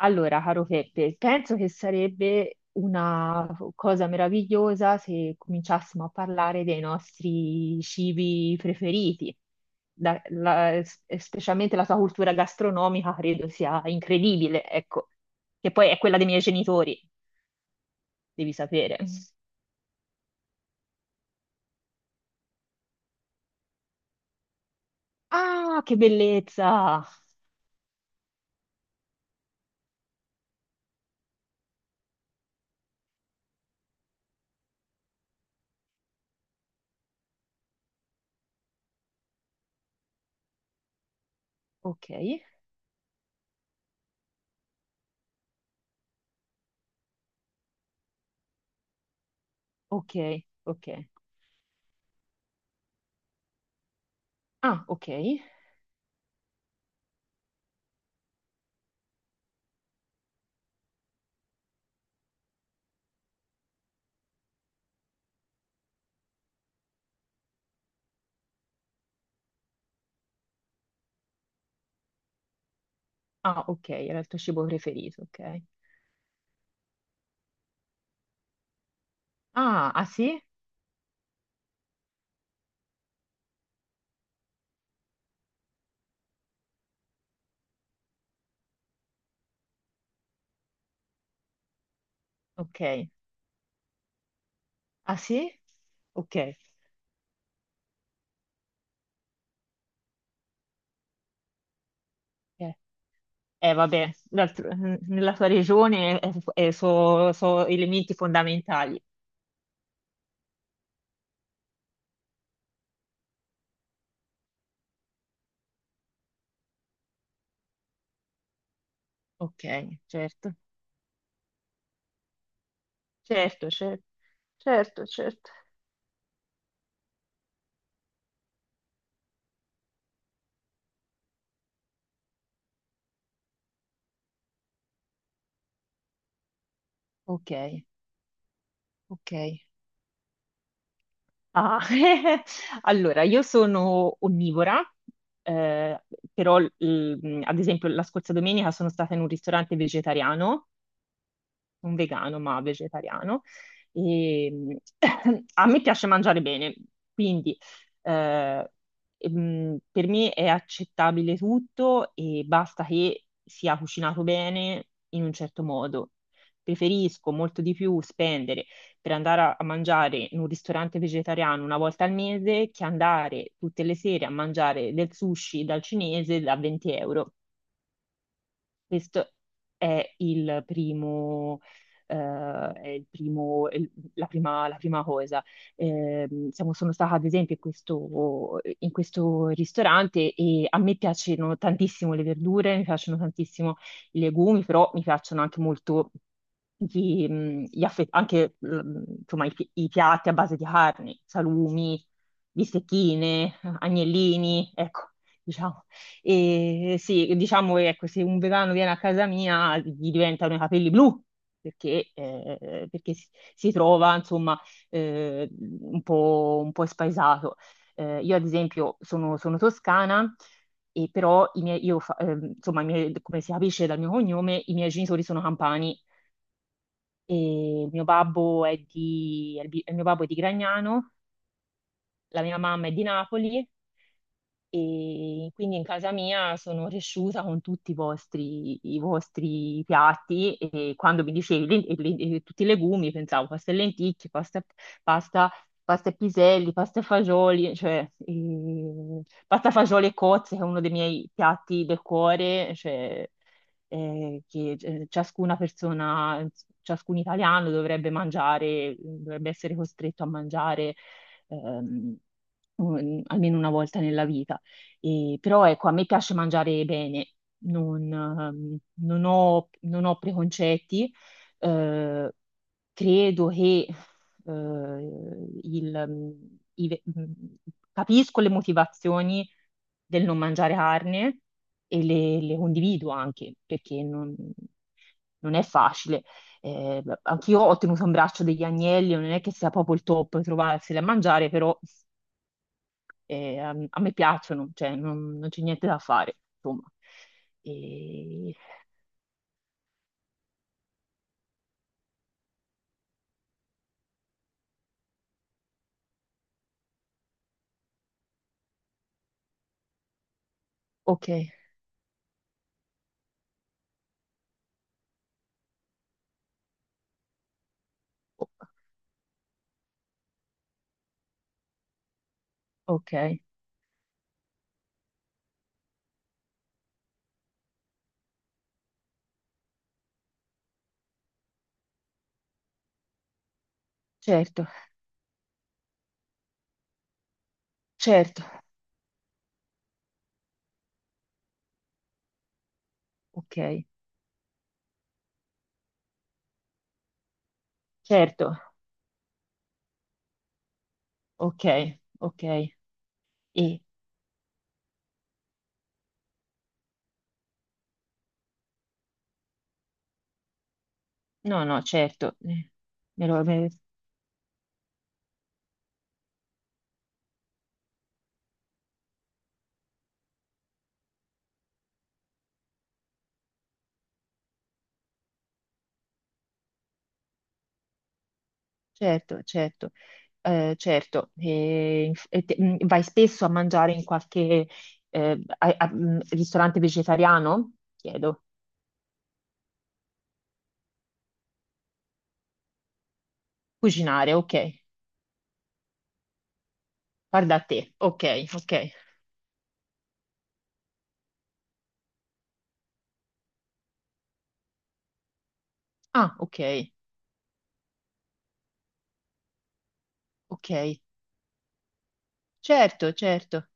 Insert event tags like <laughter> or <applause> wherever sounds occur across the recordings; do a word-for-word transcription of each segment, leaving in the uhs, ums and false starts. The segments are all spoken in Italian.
Allora, caro Peppe, penso che sarebbe una cosa meravigliosa se cominciassimo a parlare dei nostri cibi preferiti. Da- la- s- specialmente la tua cultura gastronomica credo sia incredibile, ecco, che poi è quella dei miei genitori, devi sapere. Ah, che bellezza! Ok, ok, ok. Ah, ok. Ah, ok, era il tuo cibo preferito, ok. Ah, ah sì? Ok. Ah sì? Ok, eh, eh, vabbè, d'altro- nella tua regione sono elementi fondamentali. Ok, certo, certo, certo, certo, certo. Ok, ok. Ah, <laughs> Allora, io sono onnivora, eh, però l- l- ad esempio la scorsa domenica sono stata in un ristorante vegetariano un vegano ma vegetariano. E, <coughs> <clears throat> mm, a me piace mangiare bene, quindi eh, mm, per me è accettabile tutto e basta che sia cucinato bene in un certo modo. Preferisco molto di più spendere per andare a, a mangiare in un ristorante vegetariano una volta al mese che andare tutte le sere a mangiare del sushi dal cinese da venti euro. Questo è il primo, eh, è il primo- il- la prima, la prima cosa. Ehm, siamo- sono stata ad esempio in questo, in questo ristorante e a me piacciono tantissimo le verdure, mi piacciono tantissimo i legumi, però mi piacciono anche molto gli, mh, gli affe- anche, mh, insomma, i, pi- i piatti a base di carni, salumi, bistecchine, agnellini, ecco, diciamo. E sì, diciamo che ecco, se un vegano viene a casa mia gli diventano i capelli blu perché, eh, perché si, si trova insomma eh, un po', un po' spaesato. Eh, io ad esempio sono, sono toscana e però i miei, io fa- ehm, insomma, i miei- come si capisce dal mio cognome, i miei genitori sono campani e il mio babbo è di, è di- il mio babbo è di Gragnano, la mia mamma è di Napoli e quindi in casa mia sono cresciuta con tutti i vostri, i vostri piatti e quando mi dicevi len- e le- e tutti i legumi pensavo pasta e lenticchie, pasta, pasta, pasta e piselli, pasta e fagioli, cioè ehm, pasta, fagioli e cozze, che è uno dei miei piatti del cuore, cioè, eh, che eh, ciascuna persona, ciascun italiano dovrebbe mangiare, dovrebbe essere costretto a mangiare ehm, un- almeno una volta nella vita. E- però ecco, a me piace mangiare bene, non, ehm, non ho, non ho preconcetti. Eh, credo che eh, il- mm, i- capisco le motivazioni del non mangiare carne, e le, le condivido anche perché non, non è facile. Eh, anch'io ho tenuto in braccio degli agnelli, non è che sia proprio il top trovarseli a mangiare, però. E, um, a me piacciono, cioè non, non c'è niente da fare, insomma. E- Ok, o- ok, certo, certo, ok, certo, ok, ok. E... No, no, certo, eh, me lo- me- certo, certo, eh, certo. E, inf- e te- mm, vai spesso a mangiare in qualche eh, a- a- mm, ristorante vegetariano? Chiedo. Cucinare, ok. Guarda a te, ok, ok. Ah, ok. Ok, certo, certo,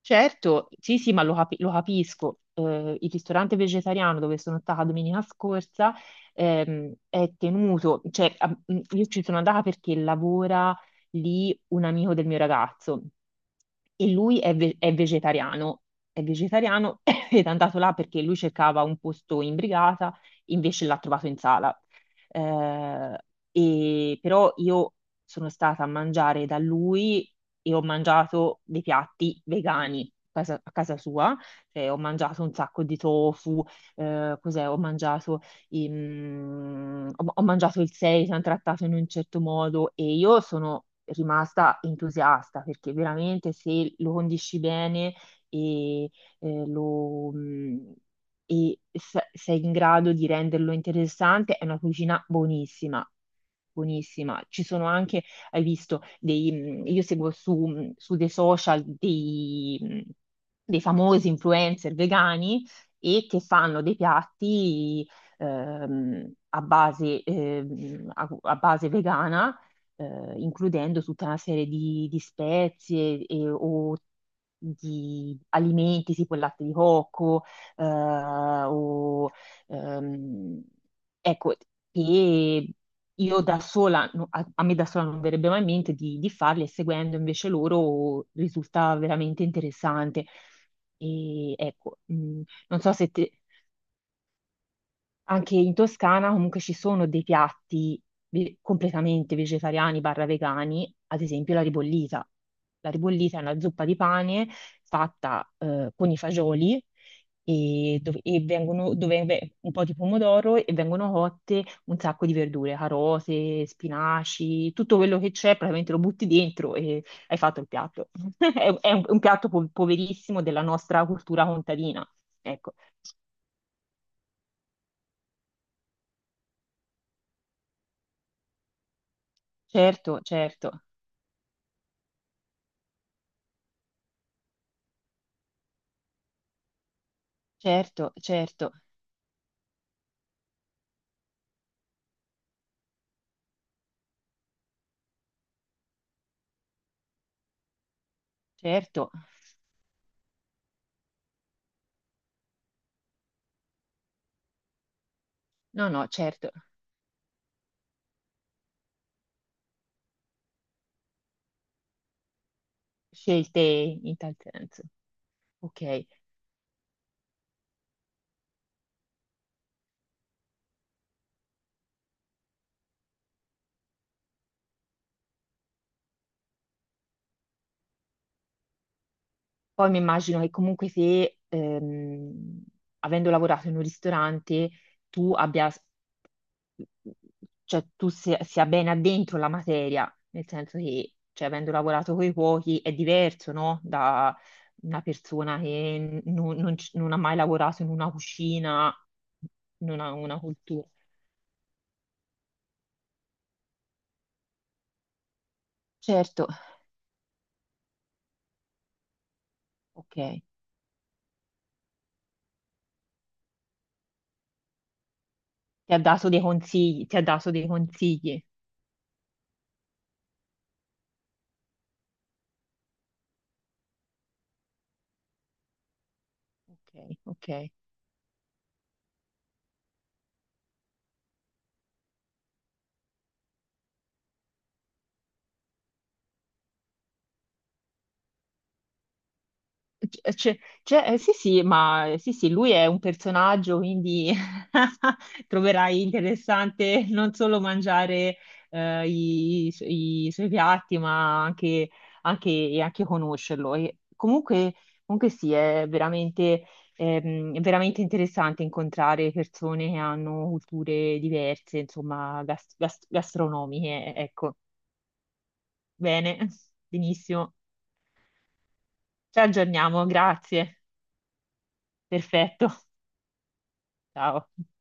certo, sì, sì, ma lo, capi- lo capisco. Eh, il ristorante vegetariano dove sono stata domenica scorsa ehm, è tenuto, cioè a- mh, io ci sono andata perché lavora lì un amico del mio ragazzo e lui è, ve- è vegetariano, è vegetariano <laughs> <coughs> ed è andato là perché lui cercava un posto in brigata, invece l'ha trovato in sala. Eh, e però io sono stata a mangiare da lui e ho mangiato dei piatti vegani a casa, a casa sua, cioè ho mangiato un sacco di tofu, eh, cos'è? Ho mangiato, i- mm, ho, ho mangiato il seitan trattato in un certo modo, e io sono rimasta entusiasta perché veramente se lo condisci bene e eh, lo, mm, e se sei in grado di renderlo interessante, è una cucina buonissima. Buonissima. Ci sono anche, hai visto, dei, mh, io seguo su, mh, su dei social dei, mh, dei famosi influencer vegani, e che fanno dei piatti ehm, a base, ehm, a, a base vegana, eh, includendo tutta una serie di, di spezie e- o di alimenti tipo il latte di cocco, eh, o, ehm, ecco, e io da sola, no, a, a me da sola non verrebbe mai in mente di, di farli, e seguendo invece loro risulta veramente interessante. E ecco, mh, non so se te, anche in Toscana comunque ci sono dei piatti ve- completamente vegetariani barra vegani, ad esempio la ribollita. La ribollita è una zuppa di pane fatta eh, con i fagioli e, dove, e vengono, dove ve- un po' di pomodoro, e vengono cotte un sacco di verdure, carote, spinaci, tutto quello che c'è, praticamente lo butti dentro e hai fatto il piatto. <laughs> È, è un, un piatto po- poverissimo della nostra cultura contadina. Ecco, certo, certo. Certo, certo, certo. No, no, certo. Scelte in tal senso. Ok. Poi mi immagino che comunque se, ehm, avendo lavorato in un ristorante, tu abbia, cioè tu sia, sia ben addentro la materia, nel senso che, cioè, avendo lavorato con i cuochi è diverso, no? Da una persona che non, non ci- non ha mai lavorato in una cucina, non ha una cultura. Certo, ok. Ti ha dato dei consigli, ti ha dato dei consigli. Ok, ok. C- c'è- c'è- eh, sì, sì, ma eh, sì, sì, lui è un personaggio, quindi <laughs> troverai interessante non solo mangiare eh, i, i su- i suoi piatti, ma anche, anche, e anche conoscerlo. E comunque, comunque sì, è veramente, ehm, è veramente interessante incontrare persone che hanno culture diverse, insomma, gas- gas- gastronomiche, ecco. Bene, <laughs> benissimo. Ci aggiorniamo, grazie. Perfetto. Ciao.